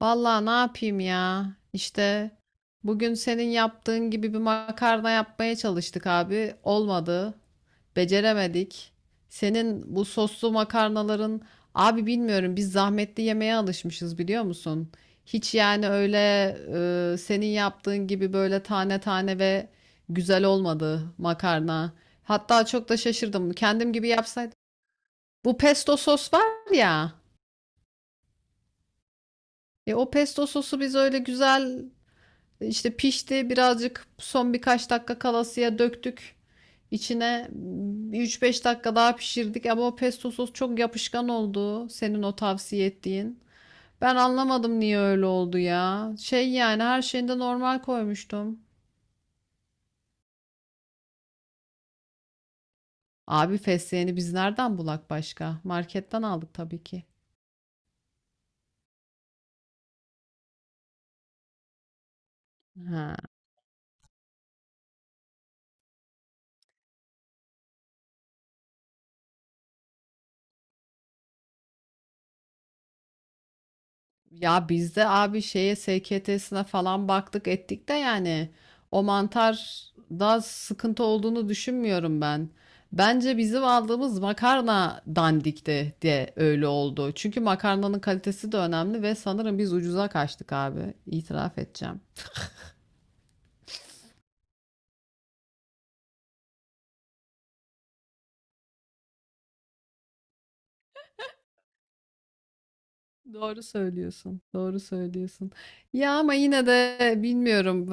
Vallahi ne yapayım ya? İşte bugün senin yaptığın gibi bir makarna yapmaya çalıştık abi. Olmadı. Beceremedik. Senin bu soslu makarnaların abi bilmiyorum biz zahmetli yemeğe alışmışız biliyor musun? Hiç yani öyle senin yaptığın gibi böyle tane tane ve güzel olmadı makarna. Hatta çok da şaşırdım. Kendim gibi yapsaydım. Bu pesto sos var ya. E o pesto sosu biz öyle güzel İşte pişti, birazcık son birkaç dakika kalasıya döktük İçine üç beş dakika daha pişirdik ama o pesto sos çok yapışkan oldu senin o tavsiye ettiğin. Ben anlamadım niye öyle oldu ya. Şey yani her şeyinde normal koymuştum. Abi fesleğeni biz nereden bulak başka? Marketten aldık tabii ki. Ha. Ya bizde abi şeye SKT'sine falan baktık ettik de yani o mantar da sıkıntı olduğunu düşünmüyorum ben. Bence bizim aldığımız makarna dandikti de öyle oldu. Çünkü makarnanın kalitesi de önemli ve sanırım biz ucuza kaçtık abi. İtiraf edeceğim. Doğru söylüyorsun. Doğru söylüyorsun. Ya ama yine de bilmiyorum,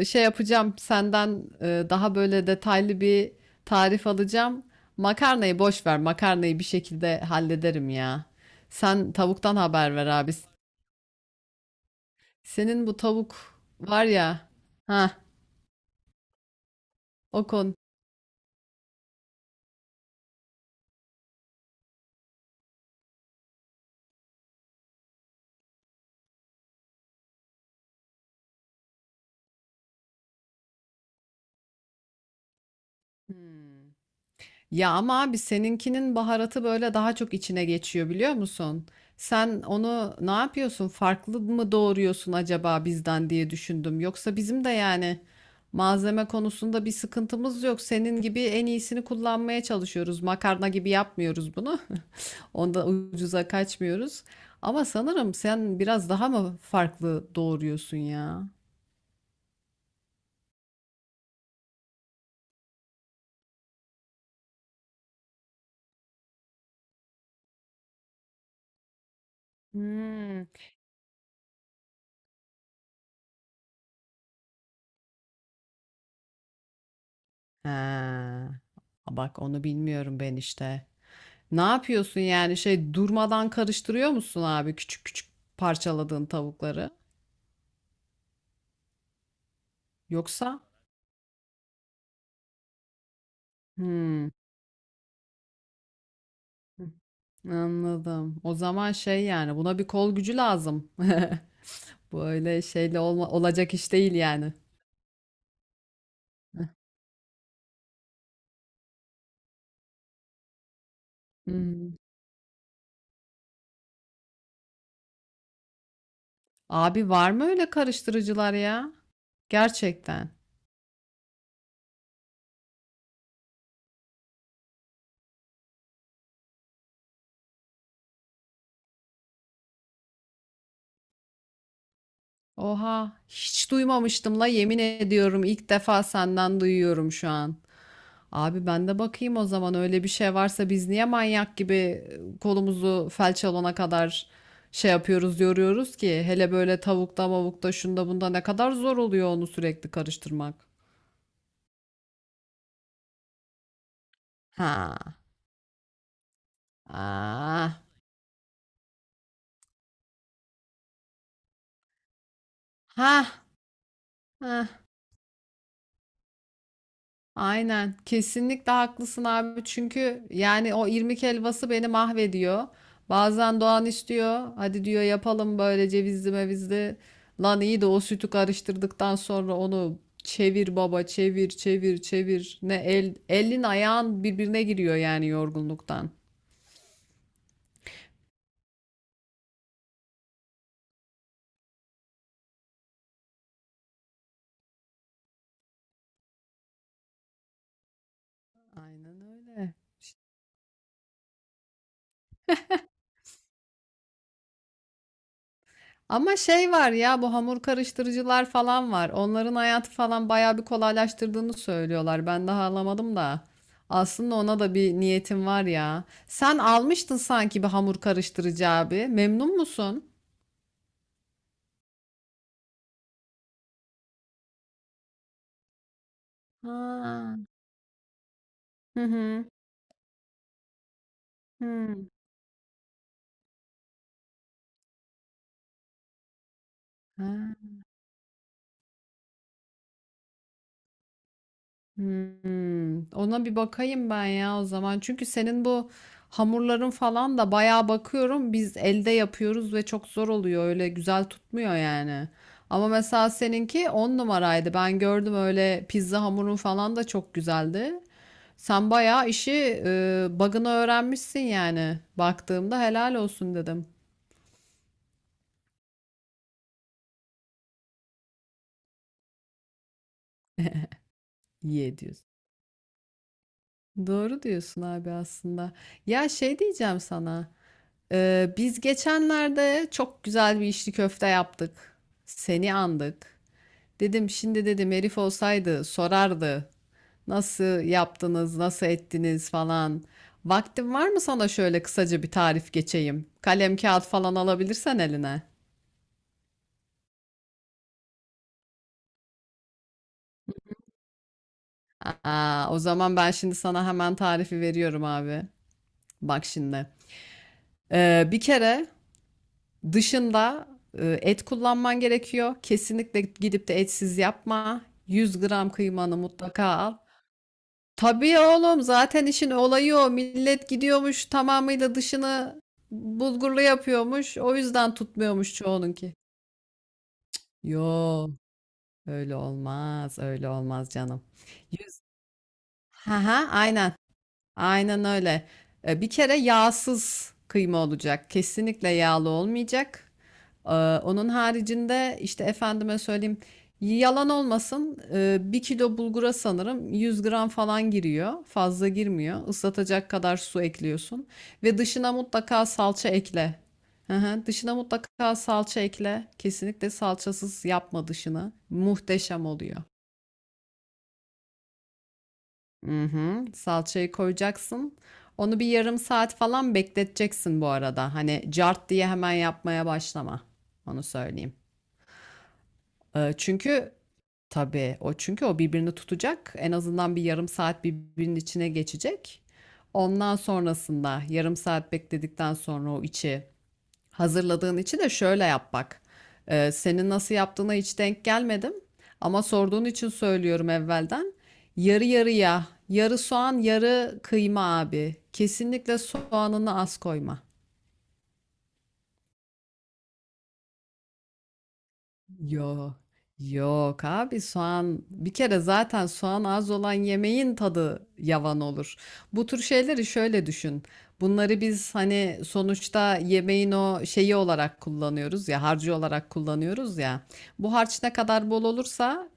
şey yapacağım senden, daha böyle detaylı bir tarif alacağım. Makarnayı boş ver. Makarnayı bir şekilde hallederim ya. Sen tavuktan haber ver abi. Senin bu tavuk var ya. Ha, o konu. Hmm. Ya ama abi seninkinin baharatı böyle daha çok içine geçiyor biliyor musun? Sen onu ne yapıyorsun? Farklı mı doğuruyorsun acaba bizden diye düşündüm. Yoksa bizim de yani malzeme konusunda bir sıkıntımız yok. Senin gibi en iyisini kullanmaya çalışıyoruz. Makarna gibi yapmıyoruz bunu. Onda ucuza kaçmıyoruz. Ama sanırım sen biraz daha mı farklı doğuruyorsun ya? Hmm. Ha, bak onu bilmiyorum ben işte. Ne yapıyorsun yani şey, durmadan karıştırıyor musun abi küçük küçük parçaladığın tavukları? Yoksa? Hmm, anladım. O zaman şey yani buna bir kol gücü lazım. Bu öyle şeyle olma, olacak iş değil yani. Hmm. Abi var mı öyle karıştırıcılar ya? Gerçekten. Oha hiç duymamıştım la, yemin ediyorum ilk defa senden duyuyorum şu an. Abi ben de bakayım o zaman öyle bir şey varsa biz niye manyak gibi kolumuzu felç alana kadar şey yapıyoruz, yoruyoruz ki hele böyle tavukta mavukta şunda bunda, ne kadar zor oluyor onu sürekli karıştırmak. Ha. Ah. Ha. Ha. Aynen. Kesinlikle haklısın abi. Çünkü yani o irmik helvası beni mahvediyor. Bazen Doğan istiyor. Hadi diyor yapalım böyle cevizli mevizli. Lan iyi de o sütü karıştırdıktan sonra onu çevir baba çevir çevir çevir. Ne elin ayağın birbirine giriyor yani yorgunluktan. Aynen öyle. Ama şey var ya, bu hamur karıştırıcılar falan var. Onların hayatı falan bayağı bir kolaylaştırdığını söylüyorlar. Ben daha alamadım da. Aslında ona da bir niyetim var ya. Sen almıştın sanki bir hamur karıştırıcı abi. Memnun musun? Ha. Hı hı. Hı. Ha. Hmm, ona bir bakayım ben ya o zaman. Çünkü senin bu hamurların falan da bayağı bakıyorum. Biz elde yapıyoruz ve çok zor oluyor. Öyle güzel tutmuyor yani. Ama mesela seninki on numaraydı. Ben gördüm, öyle pizza hamurun falan da çok güzeldi. Sen bayağı işi bug'ını öğrenmişsin yani. Baktığımda helal olsun dedim. İyi ediyorsun. Doğru diyorsun abi aslında. Ya şey diyeceğim sana. Biz geçenlerde çok güzel bir içli köfte yaptık. Seni andık. Dedim şimdi, dedim herif olsaydı sorardı. Nasıl yaptınız, nasıl ettiniz falan. Vaktin var mı sana şöyle kısaca bir tarif geçeyim? Kalem kağıt falan alabilirsen eline. Aa, o zaman ben şimdi sana hemen tarifi veriyorum abi. Bak şimdi. Bir kere dışında et kullanman gerekiyor. Kesinlikle gidip de etsiz yapma. 100 gram kıymanı mutlaka al. Tabii oğlum, zaten işin olayı o. Millet gidiyormuş tamamıyla dışını bulgurlu yapıyormuş. O yüzden tutmuyormuş çoğununki. Yo, öyle olmaz, öyle olmaz canım. Yüz... Ha ha, aynen. Aynen öyle. Bir kere yağsız kıyma olacak. Kesinlikle yağlı olmayacak. E, Onun haricinde işte, efendime söyleyeyim, yalan olmasın, 1 kilo bulgura sanırım 100 gram falan giriyor. Fazla girmiyor. Islatacak kadar su ekliyorsun. Ve dışına mutlaka salça ekle. Hı hı. Dışına mutlaka salça ekle. Kesinlikle salçasız yapma dışını. Muhteşem oluyor. Hı hı. Salçayı koyacaksın. Onu bir yarım saat falan bekleteceksin bu arada. Hani cart diye hemen yapmaya başlama. Onu söyleyeyim. Ee, çünkü çünkü o birbirini tutacak. En azından bir yarım saat birbirinin içine geçecek. Ondan sonrasında, yarım saat bekledikten sonra, o içi hazırladığın için de şöyle yap bak. Senin nasıl yaptığına hiç denk gelmedim. Ama sorduğun için söylüyorum evvelden. Yarı yarıya, yarı soğan, yarı kıyma abi. Kesinlikle soğanını az koyma. Yok. Yok abi, soğan bir kere, zaten soğan az olan yemeğin tadı yavan olur. Bu tür şeyleri şöyle düşün. Bunları biz hani sonuçta yemeğin o şeyi olarak kullanıyoruz ya, harcı olarak kullanıyoruz ya. Bu harç ne kadar bol olursa,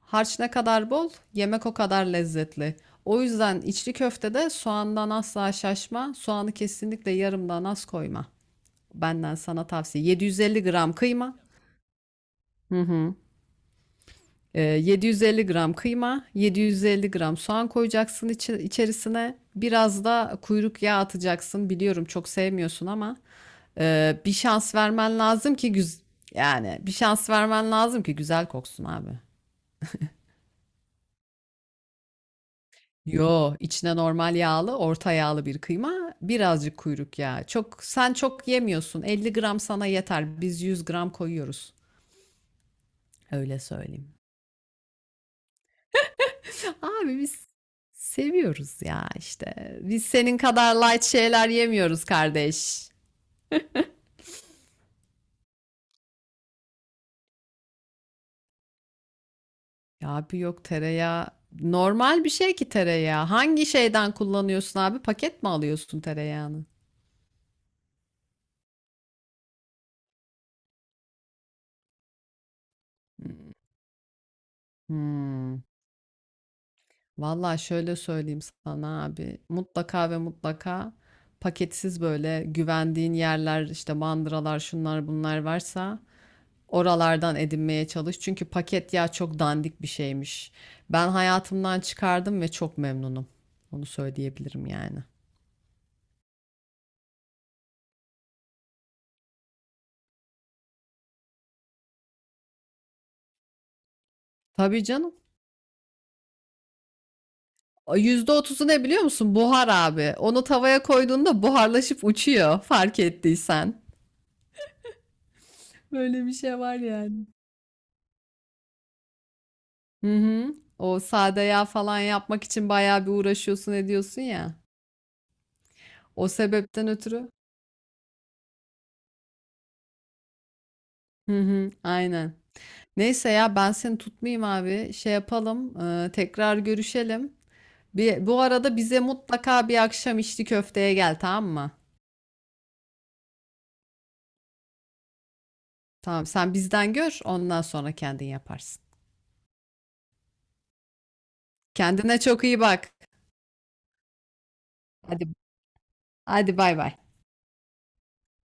harç ne kadar bol, yemek o kadar lezzetli. O yüzden içli köftede soğandan asla şaşma. Soğanı kesinlikle yarımdan az koyma. Benden sana tavsiye. 750 gram kıyma. Hı hı. 750 gram kıyma, 750 gram soğan koyacaksın içerisine. Biraz da kuyruk yağı atacaksın. Biliyorum çok sevmiyorsun ama e, bir şans vermen lazım ki güz yani bir şans vermen lazım ki güzel koksun abi. Yo, içine normal yağlı, orta yağlı bir kıyma, birazcık kuyruk yağı. Çok sen çok yemiyorsun. 50 gram sana yeter. Biz 100 gram koyuyoruz. Öyle söyleyeyim. Abi biz seviyoruz ya işte. Biz senin kadar light şeyler yemiyoruz kardeş. Ya abi yok, tereyağı normal bir şey ki tereyağı. Hangi şeyden kullanıyorsun abi? Paket mi alıyorsun tereyağını? Hmm. Vallahi şöyle söyleyeyim sana abi. Mutlaka ve mutlaka paketsiz, böyle güvendiğin yerler, işte mandıralar şunlar bunlar varsa oralardan edinmeye çalış. Çünkü paket yağ çok dandik bir şeymiş. Ben hayatımdan çıkardım ve çok memnunum. Onu söyleyebilirim yani. Tabii canım. O %30'u ne biliyor musun? Buhar abi. Onu tavaya koyduğunda buharlaşıp uçuyor, fark ettiysen. Böyle bir şey var yani. Hı hı. O sade yağ falan yapmak için bayağı bir uğraşıyorsun, ediyorsun ya. O sebepten ötürü. Hı hı, aynen. Neyse ya, ben seni tutmayayım abi. Şey yapalım, tekrar görüşelim. Bir, bu arada bize mutlaka bir akşam içli köfteye gel, tamam mı? Tamam, sen bizden gör, ondan sonra kendin yaparsın. Kendine çok iyi bak. Hadi hadi, bay bay.